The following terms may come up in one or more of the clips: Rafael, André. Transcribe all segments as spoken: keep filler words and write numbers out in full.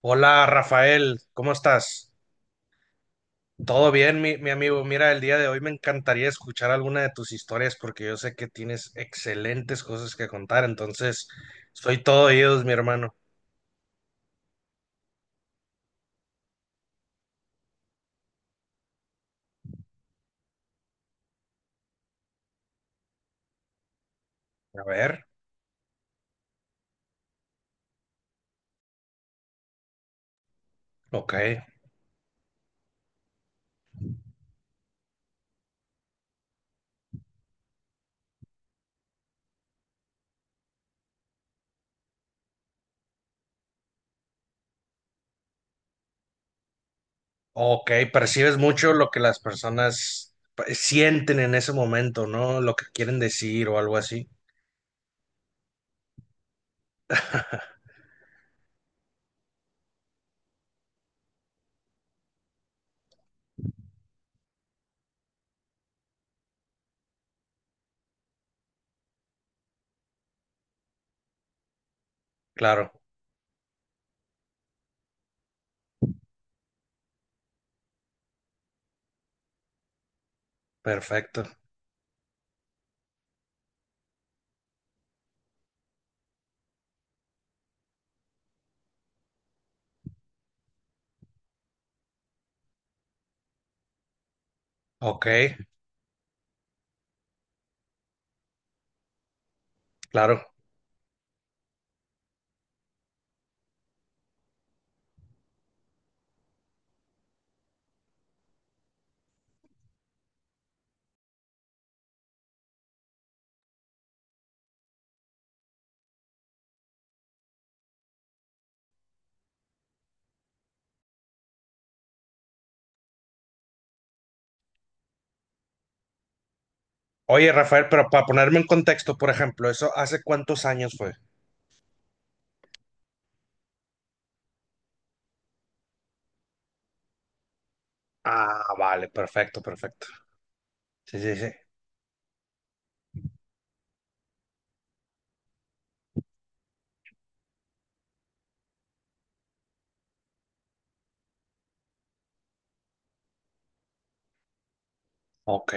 Hola Rafael, ¿cómo estás? ¿Todo bien, mi, mi amigo? Mira, el día de hoy me encantaría escuchar alguna de tus historias porque yo sé que tienes excelentes cosas que contar, entonces soy todo oídos, mi hermano. A ver. Ok, ok, percibes mucho lo que las personas pues, sienten en ese momento, ¿no? Lo que quieren decir o algo así. Claro, perfecto. Ok, claro. Oye, Rafael, pero para ponerme en contexto, por ejemplo, ¿eso hace cuántos años fue? Ah, vale, perfecto, perfecto. Sí, sí, sí. Ok,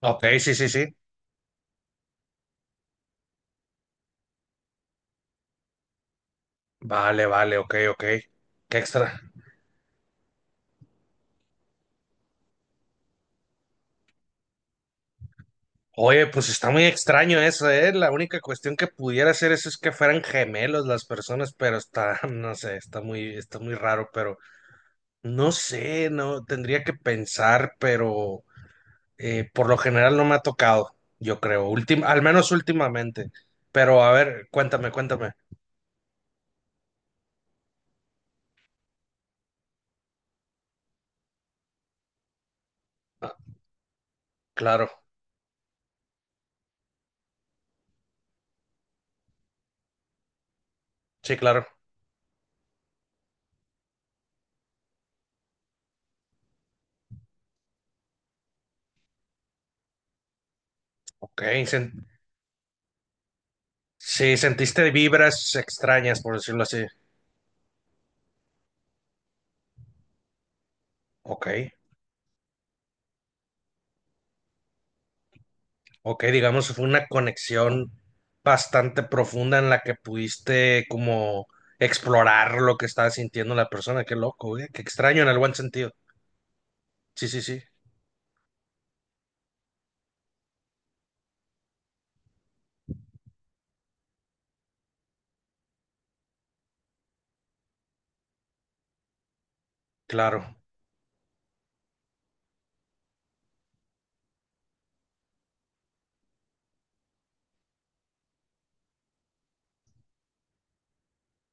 ok, sí, sí, sí. Vale, vale, ok, ok. Qué extra. Oye, pues está muy extraño eso, ¿eh? La única cuestión que pudiera hacer eso es que fueran gemelos las personas, pero está, no sé, está muy, está muy raro, pero no sé, no, tendría que pensar, pero eh, por lo general no me ha tocado, yo creo, últim- al menos últimamente. Pero a ver, cuéntame, cuéntame. Ah, claro, sí, claro. Ok, sen- sí, sentiste vibras extrañas, por decirlo así. Ok, ok, digamos fue una conexión bastante profunda en la que pudiste como explorar lo que estaba sintiendo la persona. Qué loco, güey, qué extraño en el buen sentido. Sí, sí, sí, claro.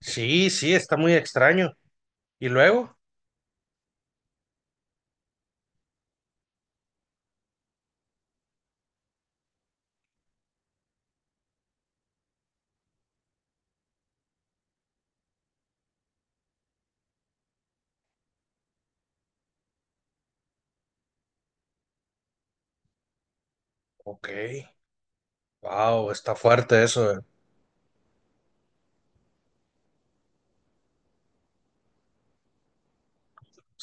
Sí, sí, está muy extraño. ¿Y luego? Ok, wow, está fuerte eso. eh.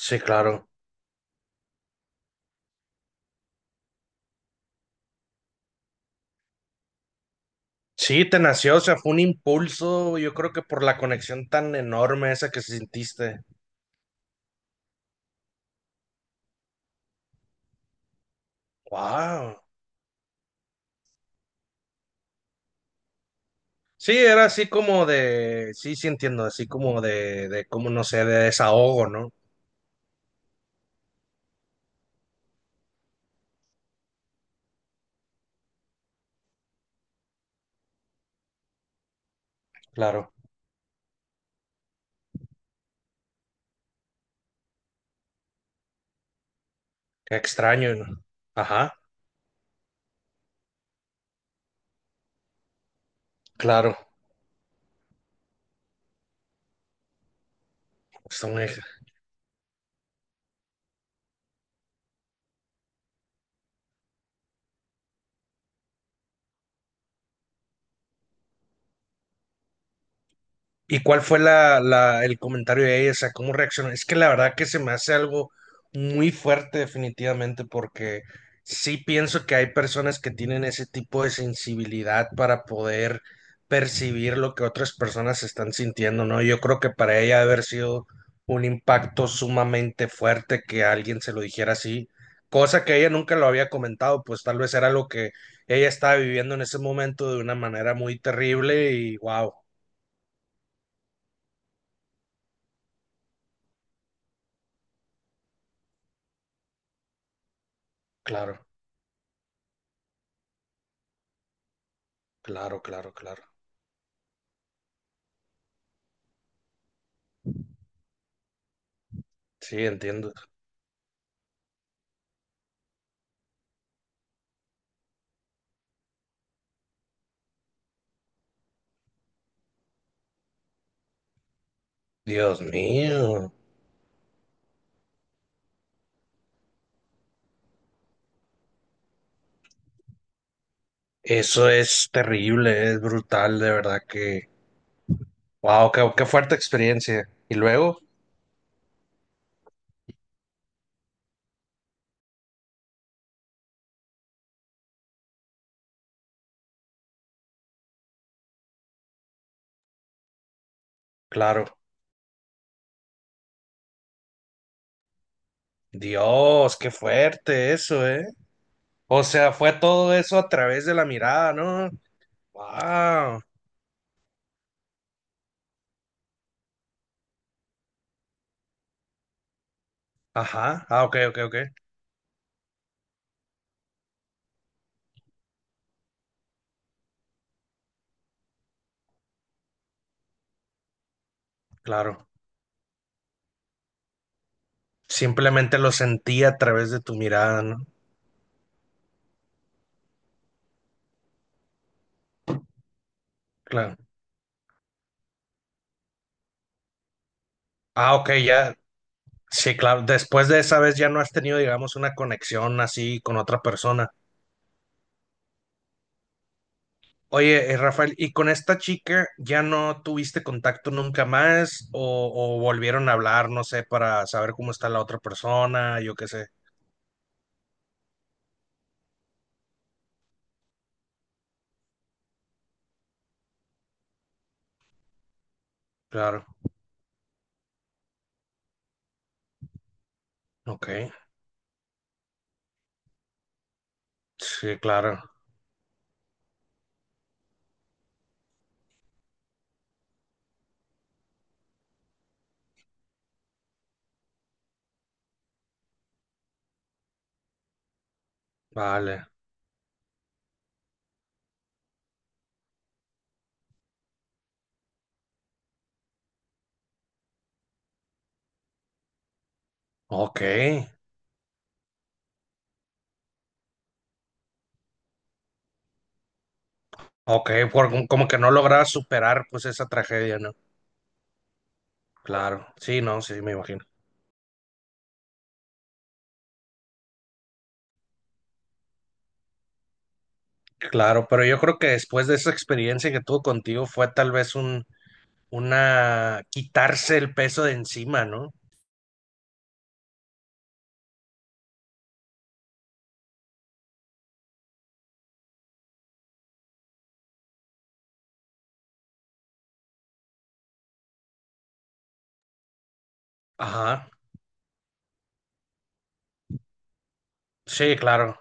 Sí, claro. Sí, te nació, o sea, fue un impulso, yo creo que por la conexión tan enorme esa que sentiste. Wow. Sí, era así como de, sí, sí entiendo, así como de, de como no sé, de desahogo, ¿no? Claro, qué extraño, ¿no? Ajá, claro, está muy. ¿Y cuál fue la, la- el comentario de ella? O sea, ¿cómo reaccionó? Es que la verdad que se me hace algo muy fuerte definitivamente porque sí pienso que hay personas que tienen ese tipo de sensibilidad para poder percibir lo que otras personas están sintiendo, ¿no? Yo creo que para ella debe haber sido un impacto sumamente fuerte que alguien se lo dijera así, cosa que ella nunca lo había comentado, pues tal vez era lo que ella estaba viviendo en ese momento de una manera muy terrible y wow, claro. Claro, claro, claro. Sí, entiendo. Dios mío, eso es terrible, es brutal, de verdad que... Wow, qué, qué fuerte experiencia. Y luego, claro, Dios, qué fuerte eso, ¿eh? O sea, fue todo eso a través de la mirada, ¿no? Wow. Ajá, ah, ok, ok, ok, claro. Simplemente lo sentí a través de tu mirada, ¿no? Claro. Ah, ok, ya. Sí, claro. Después de esa vez ya no has tenido, digamos, una conexión así con otra persona. Oye, eh, Rafael, ¿y con esta chica ya no tuviste contacto nunca más o, o volvieron a hablar, no sé, para saber cómo está la otra persona, yo qué sé? Claro, ok, sí, claro, vale, ok, ok, por- como que no lograba superar pues esa tragedia, ¿no? Claro, sí, no, sí, me imagino. Claro, pero yo creo que después de esa experiencia que tuvo contigo fue tal vez un, una, quitarse el peso de encima, ¿no? Ajá, sí, claro.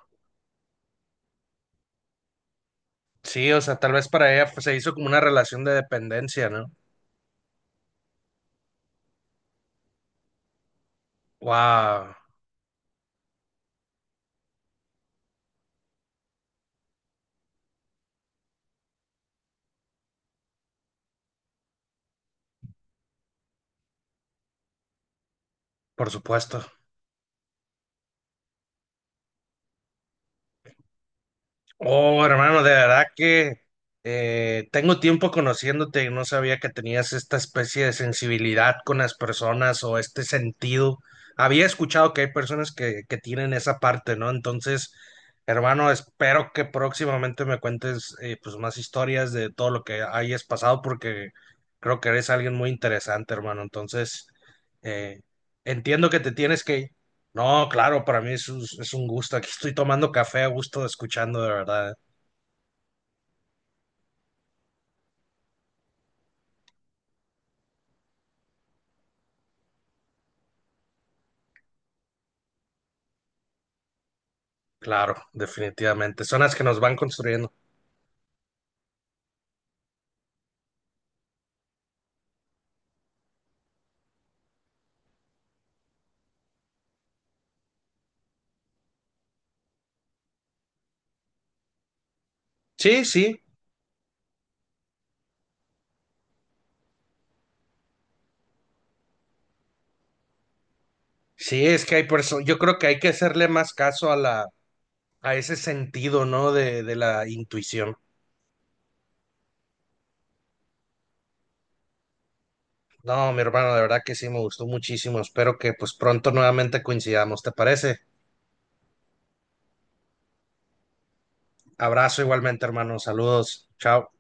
Sí, o sea, tal vez para ella pues, se hizo como una relación de dependencia, ¿no? Wow, por supuesto. Oh, hermano, de verdad que eh, tengo tiempo conociéndote y no sabía que tenías esta especie de sensibilidad con las personas o este sentido. Había escuchado que hay personas que, que tienen esa parte, ¿no? Entonces, hermano, espero que próximamente me cuentes eh, pues más historias de todo lo que hayas pasado porque creo que eres alguien muy interesante, hermano. Entonces, eh, entiendo que te tienes que... No, claro, para mí es un, es un gusto. Aquí estoy tomando café a gusto, escuchando de verdad. Claro, definitivamente. Son las que nos van construyendo. Sí, sí, sí, es que hay personas, yo creo que hay que hacerle más caso a la, a ese sentido, ¿no? De, de la intuición. No, mi hermano, de verdad que sí, me gustó muchísimo. Espero que pues pronto nuevamente coincidamos, ¿te parece? Abrazo igualmente, hermano. Saludos. Chao.